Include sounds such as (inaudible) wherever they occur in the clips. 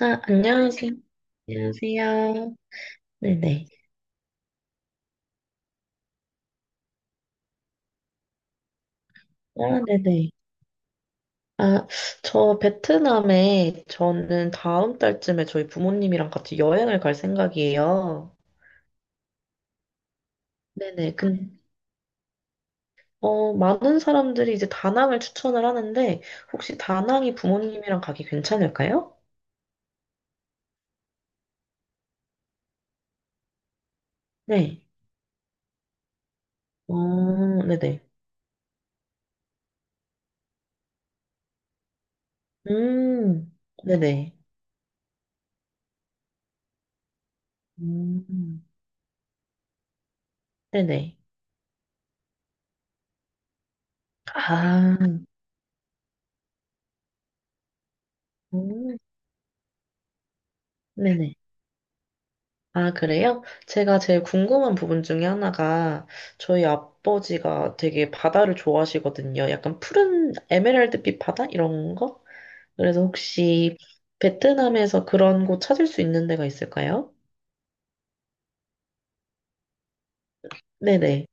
아, 안녕하세요. 안녕하세요. 네네. 아, 네네. 아, 저 베트남에 저는 다음 달쯤에 저희 부모님이랑 같이 여행을 갈 생각이에요. 네네. 많은 사람들이 이제 다낭을 추천을 하는데, 혹시 다낭이 부모님이랑 가기 괜찮을까요? 네. 어, 네네. 음, 네네. 음, 네네. 아, 음, 네네. 아, 그래요? 제가 제일 궁금한 부분 중에 하나가 저희 아버지가 되게 바다를 좋아하시거든요. 약간 푸른 에메랄드빛 바다? 이런 거? 그래서 혹시 베트남에서 그런 곳 찾을 수 있는 데가 있을까요? 네네.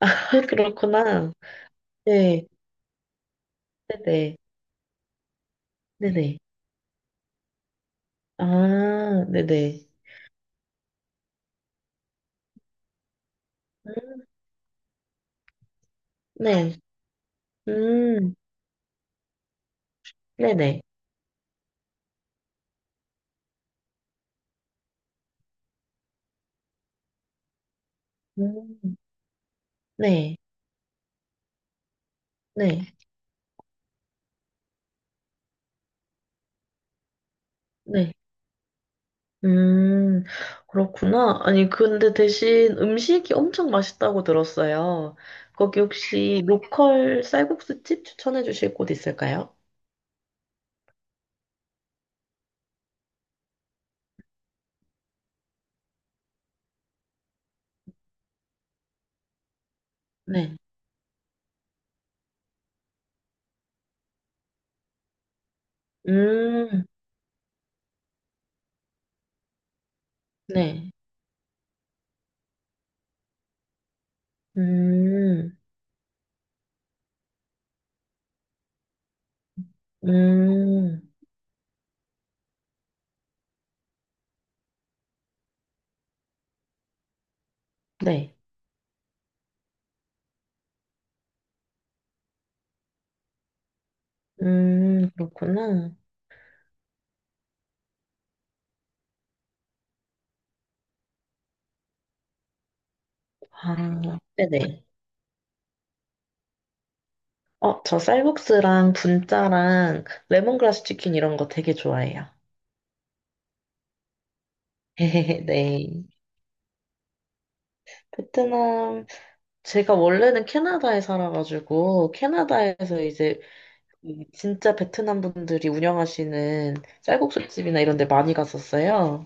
(laughs) 아, 그렇구나. 네. 네네. 네네. 아, 네네. 음, 네. 음, 네네. 음, 네. 네. 네. 음, 그렇구나. 아니, 근데 대신 음식이 엄청 맛있다고 들었어요. 거기 혹시 로컬 쌀국수집 추천해 주실 곳 있을까요? 네. 음, 네. 음, 음, 네. 그렇구나. 아, 네네. 어, 저 쌀국수랑 분짜랑 레몬그라스 치킨 이런 거 되게 좋아해요. (laughs) 네. 베트남 제가 원래는 캐나다에 살아가지고, 캐나다에서 이제 이 진짜 베트남 분들이 운영하시는 쌀국수집이나 이런 데 많이 갔었어요.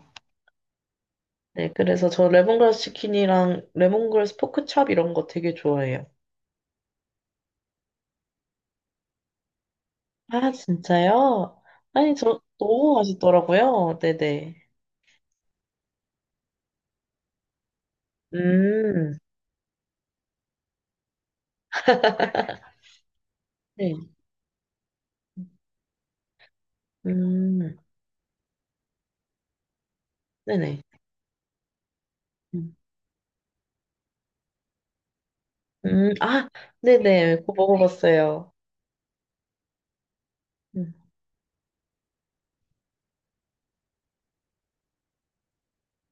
네, 그래서 저 레몬그라스 치킨이랑 레몬그라스 포크찹 이런 거 되게 좋아해요. 아, 진짜요? 아니, 저 너무 맛있더라고요. 네네. 음, 네. 음, 네네. 음, 아, 네네. 그거 먹어봤어요. 음,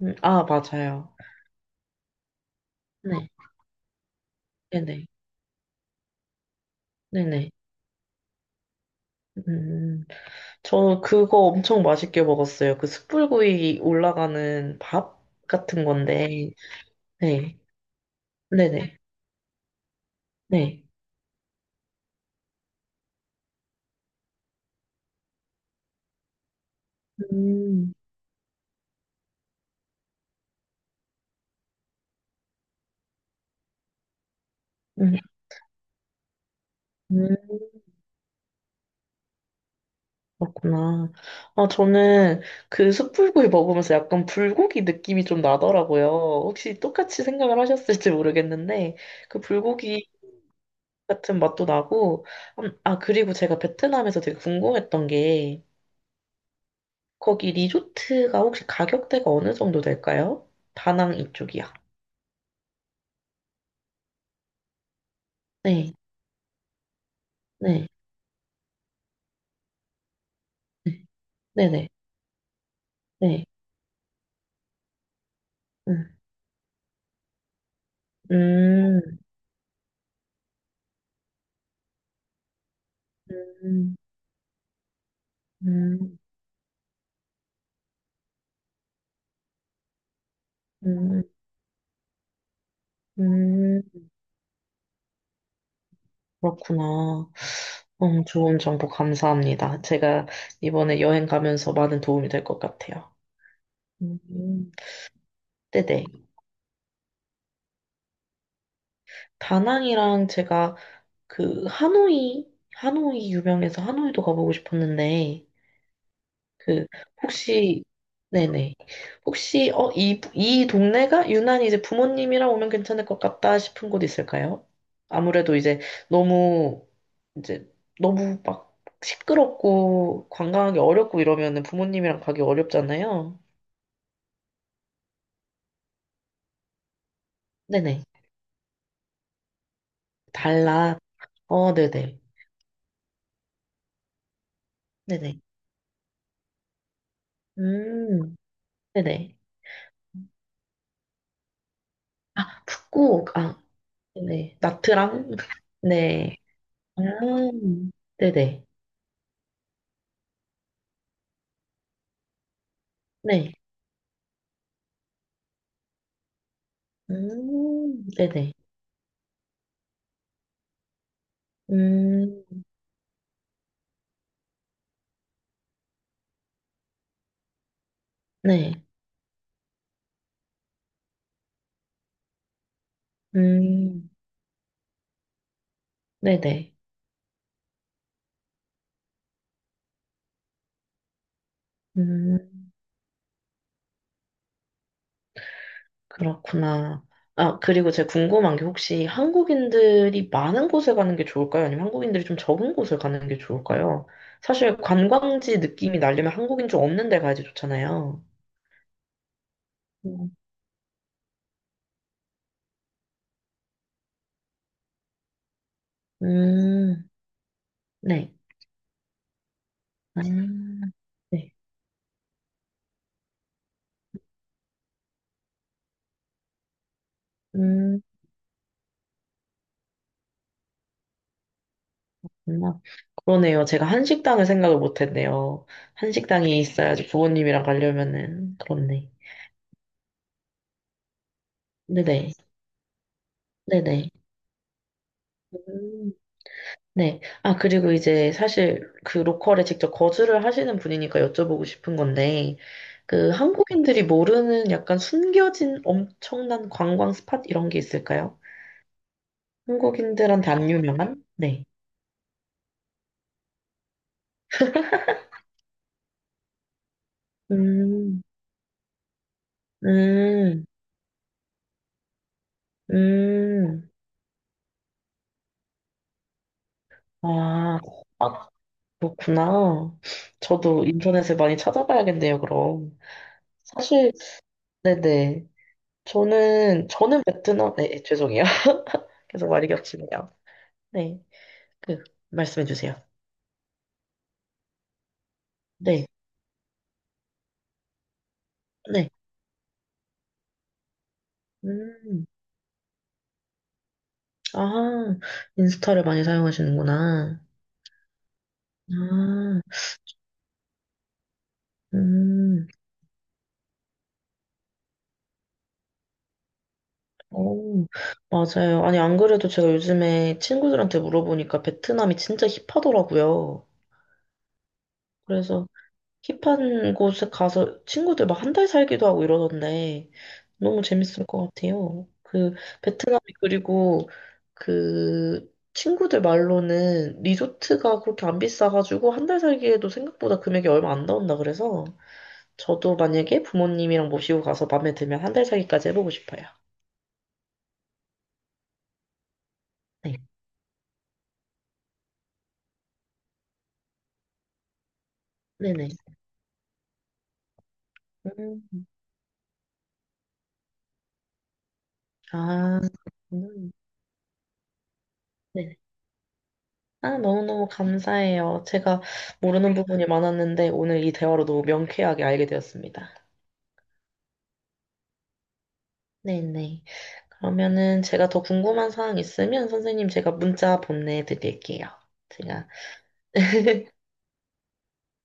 아, 맞아요. 네, 네네. 네네. 음, 저는 그거 엄청 맛있게 먹었어요. 그 숯불구이 올라가는 밥 같은 건데, 네, 네네, 네. 음, 음, 음, 그렇구나. 아, 저는 그 숯불구이 먹으면서 약간 불고기 느낌이 좀 나더라고요. 혹시 똑같이 생각을 하셨을지 모르겠는데, 그 불고기 같은 맛도 나고, 아, 그리고 제가 베트남에서 되게 궁금했던 게, 거기 리조트가 혹시 가격대가 어느 정도 될까요? 다낭 이쪽이야. 네, 네, 네, 네, 네, 네. 음, 음, 음, 음, 음, 음. 그렇구나. 좋은 정보 감사합니다. 제가 이번에 여행 가면서 많은 도움이 될 것 같아요. 음, 네네. 다낭이랑 제가 그 하노이, 하노이 유명해서 하노이도 가보고 싶었는데, 그 혹시 네네 혹시 어 이 동네가 유난히 이제 부모님이랑 오면 괜찮을 것 같다 싶은 곳 있을까요? 아무래도 이제 너무 이제 너무 막 시끄럽고 관광하기 어렵고 이러면은 부모님이랑 가기 어렵잖아요. 네네 달라 어 네네 네네 음 네네 아 북극 아 네네 나트랑 (laughs) 네 아, 네네 네 네네. 음, 네. 음, 네네. 음, 그렇구나. 아, 그리고 제가 궁금한 게 혹시 한국인들이 많은 곳에 가는 게 좋을까요? 아니면 한국인들이 좀 적은 곳에 가는 게 좋을까요? 사실 관광지 느낌이 나려면 한국인 좀 없는 데 가야지 좋잖아요. 음, 음, 네. 아, 네. 음, 그렇구나. 그러네요. 제가 한식당을 생각을 못 했네요. 한식당이 있어야지 부모님이랑 가려면은 그렇네. 네네. 네네. 음. 네. 아, 그리고 이제 사실 그 로컬에 직접 거주를 하시는 분이니까 여쭤보고 싶은 건데, 그 한국인들이 모르는 약간 숨겨진 엄청난 관광 스팟 이런 게 있을까요? 한국인들한테 안 유명한? 네. 음, 음, 음. 아, 아, 그렇구나. 저도 인터넷을 많이 찾아봐야겠네요, 그럼. 사실, 네네. 저는 베트남, 네, 죄송해요. 계속 많이 겹치네요. 네. 그, 말씀해 주세요. 네. 네. 음, 아, 인스타를 많이 사용하시는구나. 아, 음, 오, 맞아요. 아니, 안 그래도 제가 요즘에 친구들한테 물어보니까 베트남이 진짜 힙하더라고요. 그래서 힙한 곳에 가서 친구들 막 한 달 살기도 하고 이러던데 너무 재밌을 것 같아요. 그 베트남이 그리고 그 친구들 말로는 리조트가 그렇게 안 비싸가지고 한 달 살기에도 생각보다 금액이 얼마 안 나온다 그래서 저도 만약에 부모님이랑 모시고 가서 마음에 들면 한 달 살기까지 해보고 싶어요. 네. 네네. 음. 아, 그렇구나. 네. 아, 너무너무 감사해요. 제가 모르는 부분이 많았는데 오늘 이 대화로 너무 명쾌하게 알게 되었습니다. 네네. 그러면은 제가 더 궁금한 사항 있으면 선생님 제가 문자 보내드릴게요. 제가,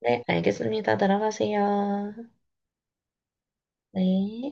네, 알겠습니다. 들어가세요. 네.